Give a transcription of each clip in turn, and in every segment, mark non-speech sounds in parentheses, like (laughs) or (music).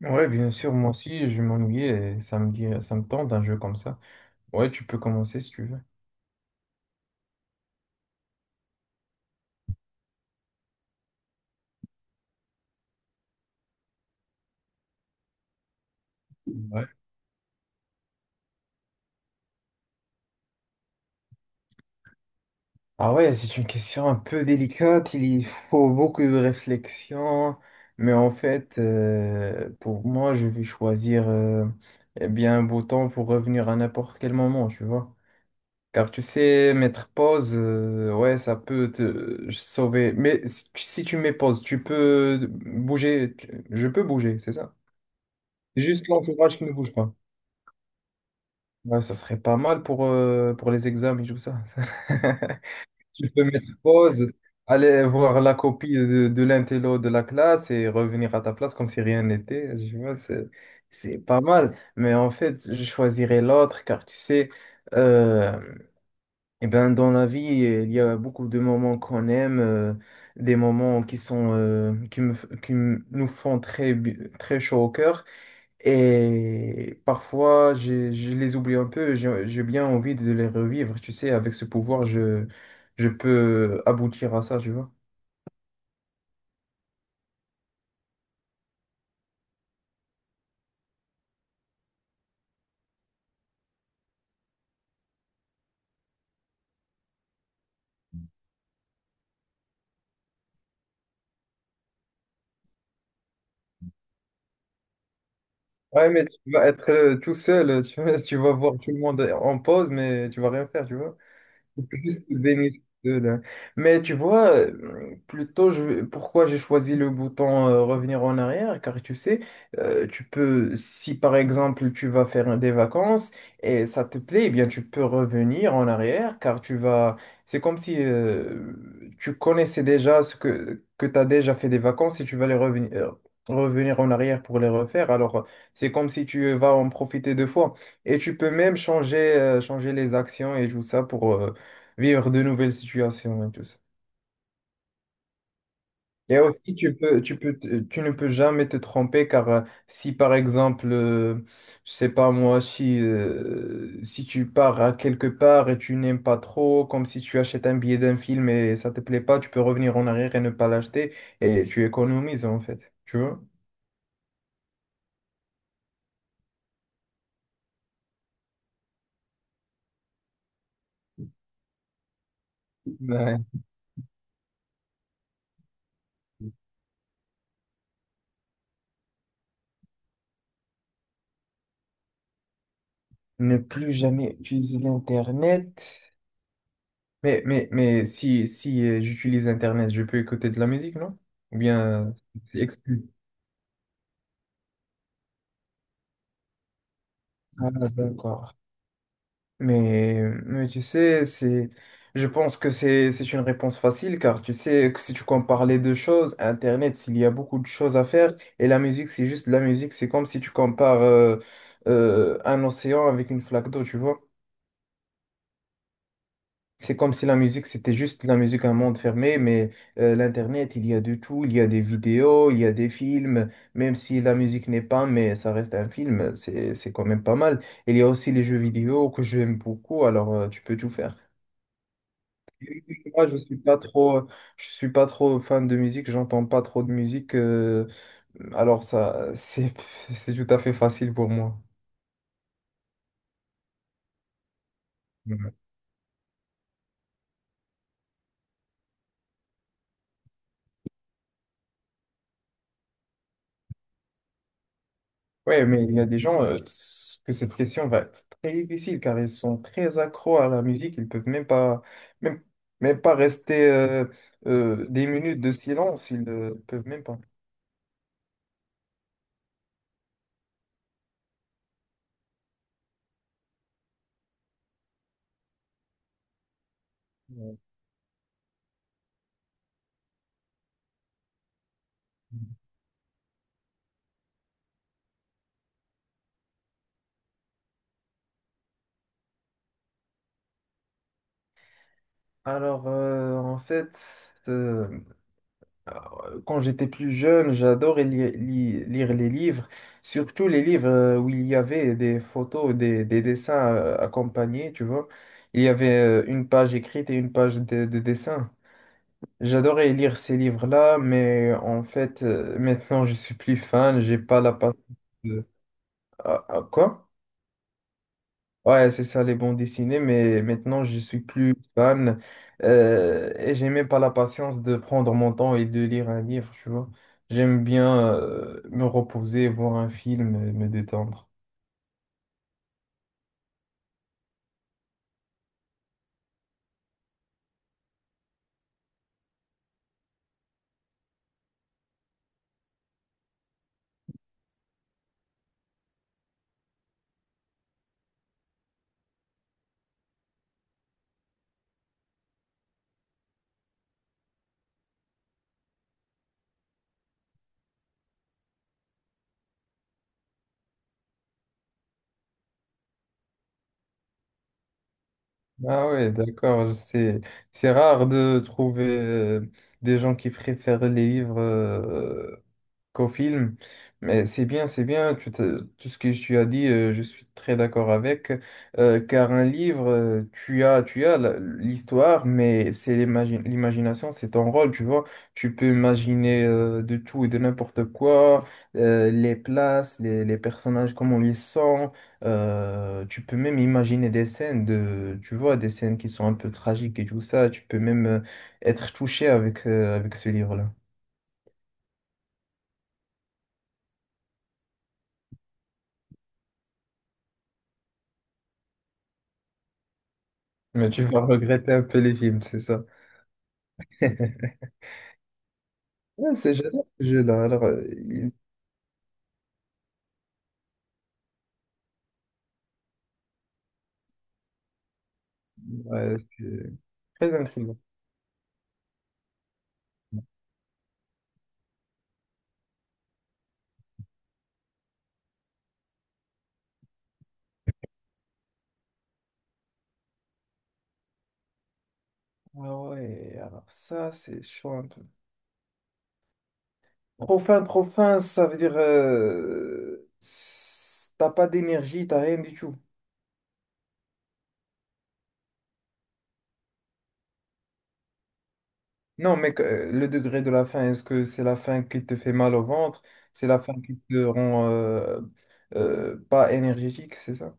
Ouais, bien sûr, moi aussi, je m'ennuyais et ça me tente un jeu comme ça. Ouais, tu peux commencer si tu veux. Ouais. Ah ouais, c'est une question un peu délicate, il y faut beaucoup de réflexion, mais en fait, pour moi, je vais choisir eh bien un bouton pour revenir à n'importe quel moment, tu vois. Car tu sais, mettre pause, ouais, ça peut te sauver. Mais si tu mets pause, tu peux bouger, je peux bouger, c'est ça. Juste l'entourage qui ne bouge pas. Ouais, ça serait pas mal pour les examens et tout ça. (laughs) Tu peux mettre pause, aller voir la copie de l'intello de la classe et revenir à ta place comme si rien n'était. Je vois, c'est pas mal. Mais en fait, je choisirais l'autre car tu sais, euh, eh ben, dans la vie, il y a beaucoup de moments qu'on aime, des moments qui sont, qui me, f- qui me- nous font très, très chaud au cœur. Et parfois, je les oublie un peu, j'ai bien envie de les revivre, tu sais, avec ce pouvoir, je peux aboutir à ça, tu vois. Ouais, mais tu vas être tout seul, tu vois, (laughs) tu vas voir tout le monde en pause, mais tu vas rien faire, tu vois. Juste béni de là. Mais tu vois, plutôt je, pourquoi j'ai choisi le bouton revenir en arrière, car tu sais, tu peux, si par exemple tu vas faire des vacances et ça te plaît, eh bien tu peux revenir en arrière, car tu vas, c'est comme si tu connaissais déjà ce que tu as déjà fait des vacances et tu vas les revenir, revenir en arrière pour les refaire. Alors c'est comme si tu vas en profiter deux fois. Et tu peux même changer les actions et tout ça pour... vivre de nouvelles situations et tout ça. Et aussi, tu ne peux jamais te tromper car si par exemple, je sais pas moi, si, si tu pars à quelque part et tu n'aimes pas trop, comme si tu achètes un billet d'un film et ça te plaît pas, tu peux revenir en arrière et ne pas l'acheter et tu économises en fait, tu vois? Ouais. Ne plus jamais utiliser l'Internet. Mais si j'utilise Internet, je peux écouter de la musique, non? Ou bien, euh, c'est exclu. Ah, d'accord. Mais tu sais, c'est, je pense que c'est une réponse facile car tu sais que si tu compares les deux choses, Internet, s'il y a beaucoup de choses à faire et la musique, c'est juste la musique, c'est comme si tu compares un océan avec une flaque d'eau, tu vois. C'est comme si la musique, c'était juste la musique, un monde fermé, mais l'Internet, il y a de tout, il y a des vidéos, il y a des films, même si la musique n'est pas, mais ça reste un film, c'est quand même pas mal. Il y a aussi les jeux vidéo que j'aime beaucoup, alors tu peux tout faire. Moi, je suis pas trop, Je suis pas trop fan de musique, j'entends pas trop de musique, alors ça, c'est, (laughs) c'est tout à fait facile pour moi. Ouais, mais il y a des gens que cette question va être très difficile car ils sont très accros à la musique. Ils peuvent même pas, même, Même pas rester des minutes de silence. Ils ne peuvent même pas. Alors, en fait, quand j'étais plus jeune, j'adorais lire les livres, surtout les livres où il y avait des photos, des dessins accompagnés, tu vois. Il y avait une page écrite et une page de dessin. J'adorais lire ces livres-là, mais en fait, maintenant, je suis plus fan, j'ai pas la patience de... Ah, ah, quoi? Ouais, c'est ça, les bons dessinés, mais maintenant, je suis plus fan et j'ai même pas la patience de prendre mon temps et de lire un livre, tu vois. J'aime bien me reposer, voir un film, et me détendre. Ah ouais, d'accord, c'est rare de trouver des gens qui préfèrent les livres qu'au film. Mais c'est bien, tout ce que tu as dit, je suis très d'accord avec, car un livre, tu as l'histoire, mais c'est l'imagination, c'est ton rôle, tu vois. Tu peux imaginer de tout et de n'importe quoi, les places, les personnages, comment ils sent tu peux même imaginer des scènes de, tu vois, des scènes qui sont un peu tragiques et tout ça. Tu peux même être touché avec, avec ce livre-là. Mais tu vas regretter un peu les films, c'est ça. (laughs) Ouais, c'est j'adore ce jeu-là. Alors, ouais, c'est très intriguant. Ah ouais, alors ça, c'est chaud un peu. Trop fin, ça veut dire t'as pas d'énergie, t'as rien du tout. Non, le degré de la faim, est-ce que c'est la faim qui te fait mal au ventre? C'est la faim qui te rend pas énergétique, c'est ça?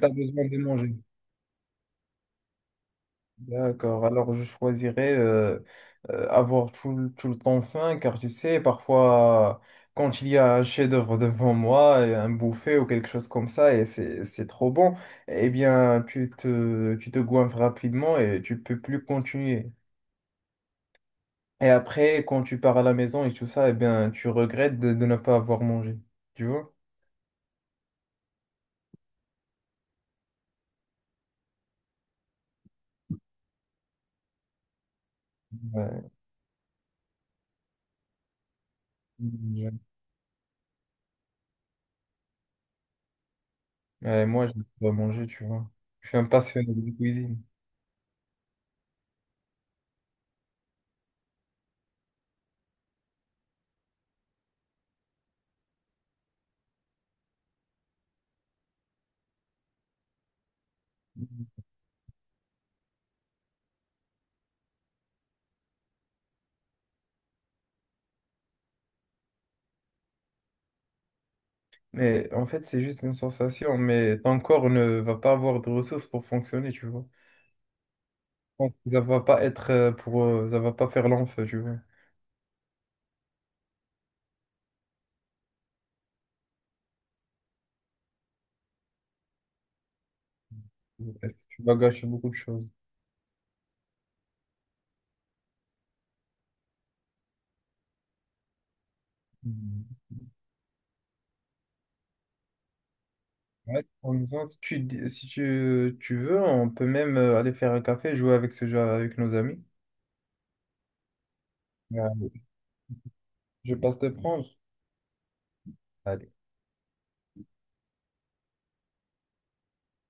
T'as besoin de manger. D'accord, alors je choisirais avoir tout le temps faim, car tu sais, parfois, quand il y a un chef-d'œuvre devant moi, et un buffet ou quelque chose comme ça, et c'est trop bon, eh bien, tu te goinfres rapidement et tu peux plus continuer. Et après, quand tu pars à la maison et tout ça, eh bien, tu regrettes de ne pas avoir mangé, tu vois? Ouais. Ouais, moi, je pas manger, tu vois. Je suis un passionné de cuisine. Mais en fait, c'est juste une sensation, mais ton corps ne va pas avoir de ressources pour fonctionner, tu vois. Donc, ça va pas être ça va pas faire l'enfeu, tu vois. Tu vas gâcher beaucoup de choses. Mhm. Ouais, en même temps, si tu, si tu, tu veux, on peut même aller faire un café, jouer avec ce jeu avec nos amis. Ouais. Je passe te prendre.